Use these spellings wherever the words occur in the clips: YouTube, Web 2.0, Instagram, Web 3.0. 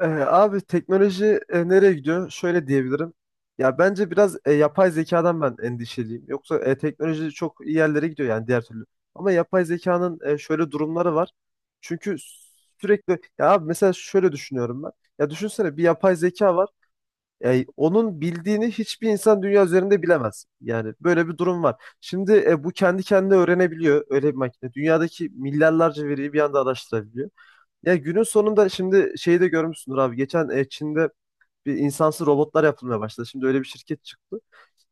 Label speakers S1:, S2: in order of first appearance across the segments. S1: Abi teknoloji nereye gidiyor? Şöyle diyebilirim. Ya bence biraz yapay zekadan ben endişeliyim. Yoksa teknoloji çok iyi yerlere gidiyor yani diğer türlü. Ama yapay zekanın şöyle durumları var. Çünkü sürekli ya abi mesela şöyle düşünüyorum ben. Ya düşünsene bir yapay zeka var. Onun bildiğini hiçbir insan dünya üzerinde bilemez. Yani böyle bir durum var. Şimdi bu kendi kendine öğrenebiliyor öyle bir makine. Dünyadaki milyarlarca veriyi bir anda araştırabiliyor. Ya günün sonunda şimdi şeyi de görmüşsündür abi. Geçen Çin'de bir insansız robotlar yapılmaya başladı. Şimdi öyle bir şirket çıktı.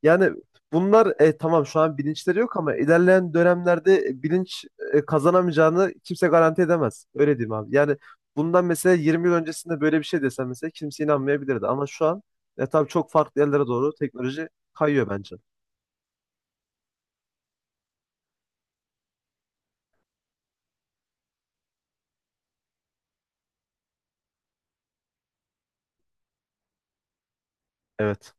S1: Yani bunlar tamam şu an bilinçleri yok ama ilerleyen dönemlerde bilinç kazanamayacağını kimse garanti edemez. Öyle diyeyim abi. Yani bundan mesela 20 yıl öncesinde böyle bir şey desem mesela kimse inanmayabilirdi. Ama şu an tabii çok farklı yerlere doğru teknoloji kayıyor bence. Evet.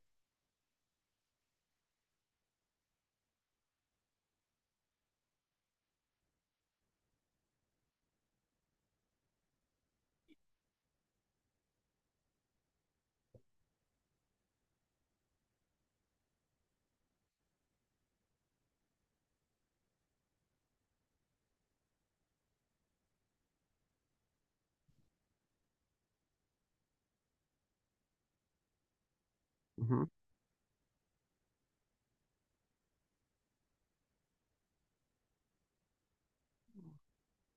S1: Hı hı.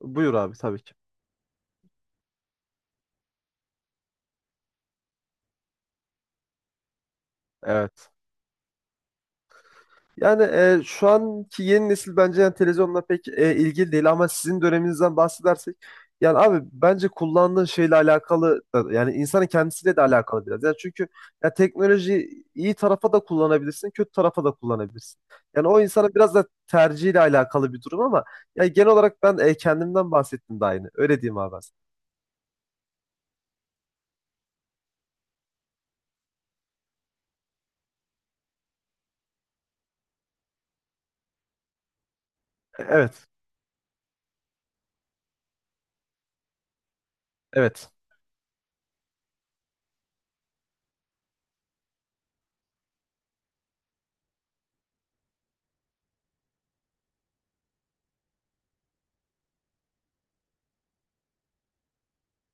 S1: Buyur abi, tabii ki. Evet. Yani şu anki yeni nesil bence yani televizyonla pek ilgili değil, ama sizin döneminizden bahsedersek yani abi bence kullandığın şeyle alakalı yani insanın kendisiyle de alakalı biraz. Yani çünkü ya teknoloji iyi tarafa da kullanabilirsin, kötü tarafa da kullanabilirsin. Yani o insanın biraz da tercihiyle alakalı bir durum, ama yani genel olarak ben kendimden bahsettim de aynı. Öyle diyeyim abi ben. Evet, evet,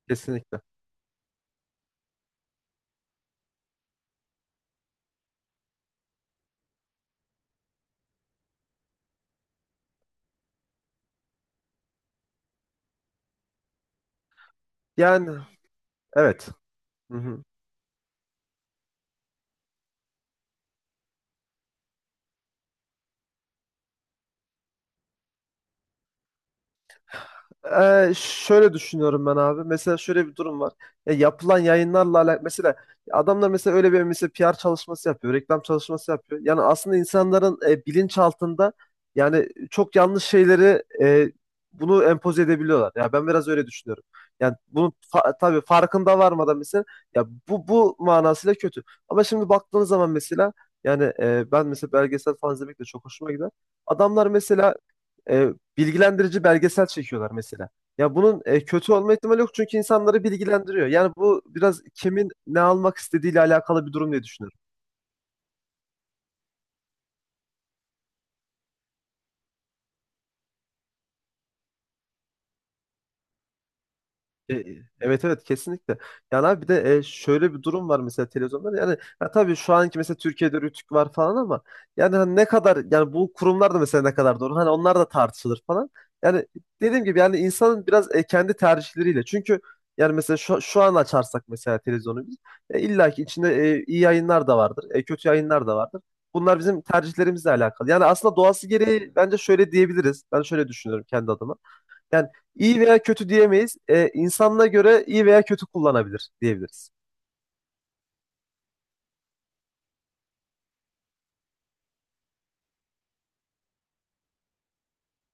S1: kesinlikle. Yani evet. Hı hı. Şöyle düşünüyorum ben abi. Mesela şöyle bir durum var. Ya yapılan yayınlarla alakalı mesela adamlar mesela öyle bir mesela PR çalışması yapıyor, reklam çalışması yapıyor. Yani aslında insanların bilinç altında yani çok yanlış şeyleri bunu empoze edebiliyorlar. Ya ben biraz öyle düşünüyorum. Yani bunun tabii farkında varmadan mesela ya bu manasıyla kötü. Ama şimdi baktığınız zaman mesela yani ben mesela belgesel falan izlemek de çok hoşuma gider. Adamlar mesela e, bilgilendirici belgesel çekiyorlar mesela. Ya bunun kötü olma ihtimali yok çünkü insanları bilgilendiriyor. Yani bu biraz kimin ne almak istediğiyle alakalı bir durum diye düşünüyorum. Evet, evet, kesinlikle. Yani abi bir de e, şöyle bir durum var mesela televizyonda. Yani ha, tabii şu anki mesela Türkiye'de Rütük var falan ama yani hani ne kadar yani bu kurumlar da mesela ne kadar doğru. Hani onlar da tartışılır falan. Yani dediğim gibi yani insanın biraz kendi tercihleriyle. Çünkü yani mesela şu an açarsak mesela televizyonu biz illa ki içinde iyi yayınlar da vardır. Kötü yayınlar da vardır. Bunlar bizim tercihlerimizle alakalı. Yani aslında doğası gereği bence şöyle diyebiliriz. Ben şöyle düşünüyorum kendi adıma. Yani iyi veya kötü diyemeyiz. İnsanına göre iyi veya kötü kullanabilir diyebiliriz.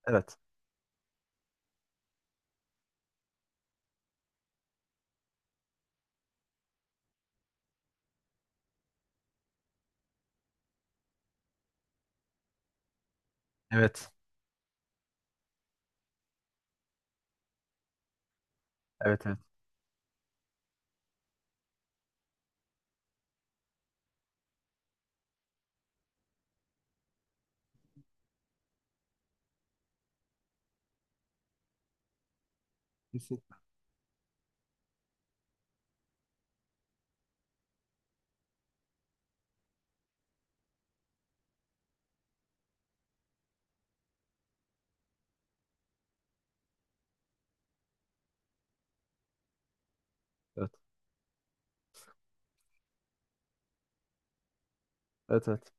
S1: Evet. Evet. Evet, evet. Kesin. Evet. Evet, evet.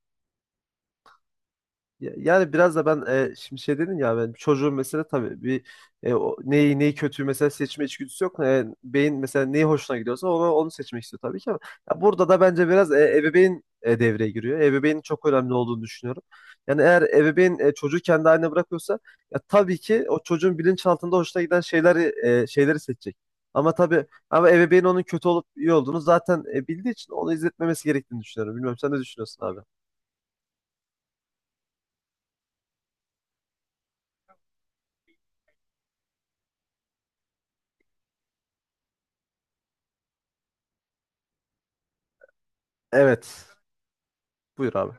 S1: Yani biraz da ben şimdi şey dedin ya, ben çocuğun mesela tabii bir neyi kötü mesela seçme içgüdüsü yok. Beyin mesela neyi hoşuna gidiyorsa onu seçmek istiyor tabii ki, ama ya burada da bence biraz ebeveyn devreye giriyor. Ebeveynin çok önemli olduğunu düşünüyorum. Yani eğer ebeveyn çocuğu kendi haline bırakıyorsa ya tabii ki o çocuğun bilinçaltında hoşuna giden şeyleri seçecek. Ama tabii ama ebeveyn onun kötü olup iyi olduğunu zaten bildiği için onu izletmemesi gerektiğini düşünüyorum. Bilmiyorum, sen ne düşünüyorsun abi? Evet. Buyur abi.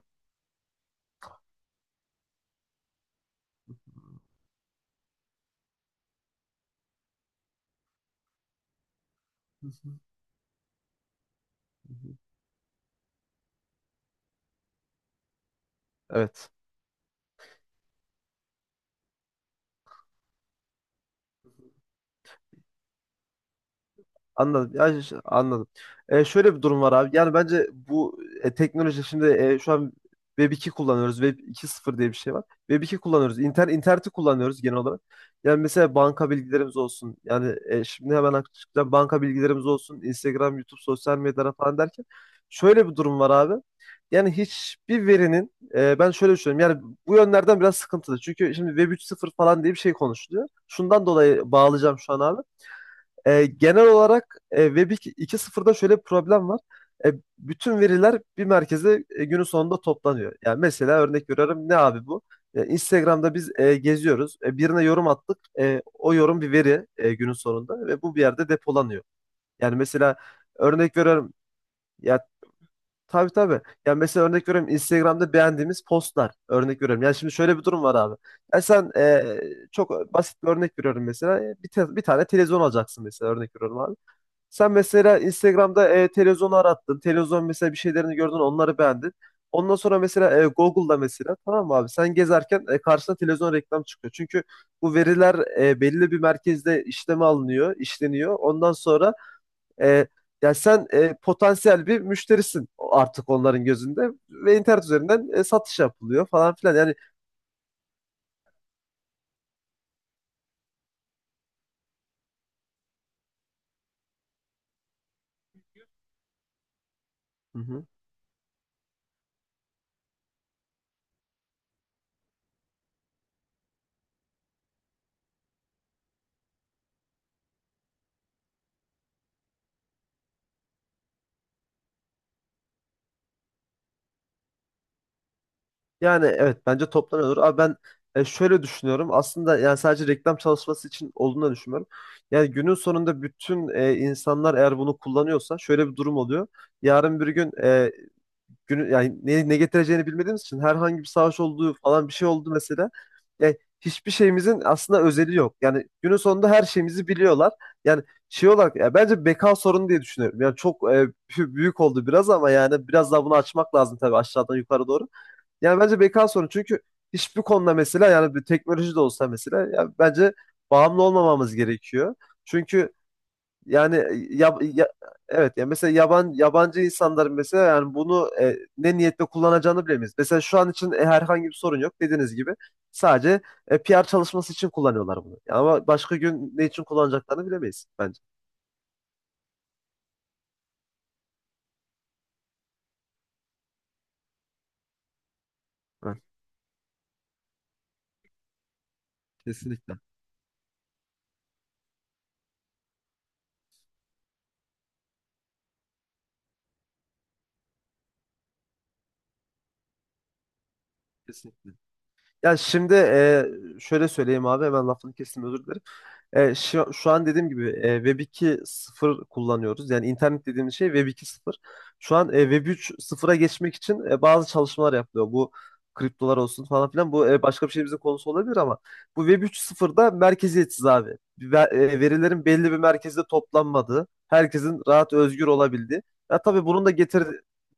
S1: Evet. Anladım. Ya, anladım. Şöyle bir durum var abi. Yani bence bu teknoloji şimdi şu an Web 2 kullanıyoruz. Web 2.0 diye bir şey var. Web 2 kullanıyoruz. İnterneti kullanıyoruz genel olarak. Yani mesela banka bilgilerimiz olsun. Yani şimdi hemen aklıma açıkçası banka bilgilerimiz olsun. Instagram, YouTube, sosyal medyalara falan derken. Şöyle bir durum var abi. Yani hiçbir verinin ben şöyle düşünüyorum. Yani bu yönlerden biraz sıkıntılı. Çünkü şimdi Web 3.0 falan diye bir şey konuşuluyor. Şundan dolayı bağlayacağım şu an abi. Genel olarak Web 2.0'da şöyle bir problem var. E, Bütün veriler bir merkeze günün sonunda toplanıyor. Yani mesela örnek veriyorum ne abi bu? Instagram'da biz geziyoruz. Birine yorum attık. O yorum bir veri günün sonunda ve bu bir yerde depolanıyor. Yani mesela örnek veriyorum ya, tabii tabii. Yani mesela örnek veriyorum Instagram'da beğendiğimiz postlar, örnek veriyorum. Yani şimdi şöyle bir durum var abi. Ya sen çok basit bir örnek veriyorum mesela. Bir tane televizyon alacaksın mesela, örnek veriyorum abi. Sen mesela Instagram'da televizyonu arattın. Televizyon mesela bir şeylerini gördün, onları beğendin. Ondan sonra mesela Google'da mesela, tamam mı abi, sen gezerken karşına televizyon reklam çıkıyor. Çünkü bu veriler belli bir merkezde işleme alınıyor, işleniyor. Ondan sonra e, ya sen potansiyel bir müşterisin artık onların gözünde ve internet üzerinden satış yapılıyor falan filan. Yani evet, bence toptan olur. Abi ben şöyle düşünüyorum. Aslında yani sadece reklam çalışması için olduğunu düşünmüyorum. Yani günün sonunda bütün insanlar eğer bunu kullanıyorsa şöyle bir durum oluyor. Yarın bir gün e, günü yani ne getireceğini bilmediğimiz için herhangi bir savaş olduğu falan, bir şey oldu mesela. Yani hiçbir şeyimizin aslında özeli yok. Yani günün sonunda her şeyimizi biliyorlar. Yani şey olarak ya bence beka sorunu diye düşünüyorum. Yani çok büyük oldu biraz ama yani biraz daha bunu açmak lazım tabii aşağıdan yukarı doğru. Yani bence beka sorunu çünkü hiçbir konuda mesela yani bir teknoloji de olsa mesela ya bence bağımlı olmamamız gerekiyor. Çünkü yani ya, ya- evet ya mesela yabancı insanların mesela yani bunu ne niyetle kullanacağını bilemeyiz. Mesela şu an için herhangi bir sorun yok dediğiniz gibi sadece PR çalışması için kullanıyorlar bunu. Ama başka gün ne için kullanacaklarını bilemeyiz bence. Evet, kesinlikle. Kesinlikle. Ya şimdi şöyle söyleyeyim abi, hemen lafını kestim, özür dilerim. Şu an dediğim gibi Web 2.0 kullanıyoruz. Yani internet dediğimiz şey Web 2.0. Şu an Web 3.0'a geçmek için bazı çalışmalar yapılıyor. Bu kriptolar olsun falan filan. Bu başka bir şeyimizin konusu olabilir ama bu Web 3.0'da merkeziyetsiz abi. Verilerin belli bir merkezde toplanmadığı, herkesin rahat özgür olabildiği. Ya tabii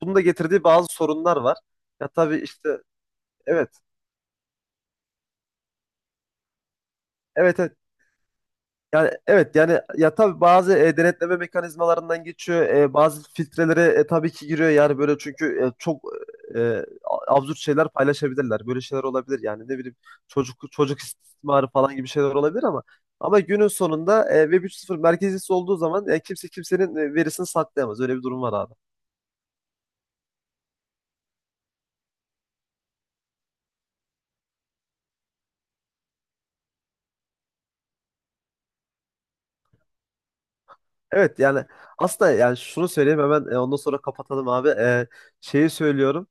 S1: bunun da getirdiği bazı sorunlar var. Ya tabii işte evet. Evet, evet. Yani evet, yani ya tabii bazı denetleme mekanizmalarından geçiyor. Bazı filtrelere tabii ki giriyor, yani böyle, çünkü çok e, absürt şeyler paylaşabilirler. Böyle şeyler olabilir, yani ne bileyim çocuk istismarı falan gibi şeyler olabilir, ama ama günün sonunda Web 3.0 merkezcisi olduğu zaman kimse kimsenin verisini saklayamaz. Öyle bir durum var abi. Evet yani aslında yani şunu söyleyeyim hemen ondan sonra kapatalım abi. Şeyi söylüyorum.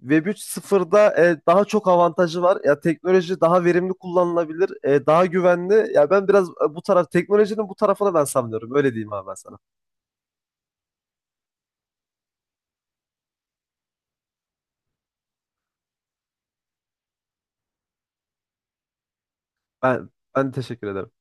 S1: Web 3.0'da daha çok avantajı var. Ya teknoloji daha verimli kullanılabilir, daha güvenli. Ya ben biraz e, bu taraf teknolojinin bu tarafına ben sanmıyorum. Öyle diyeyim abi ben sana. Ben ben teşekkür ederim.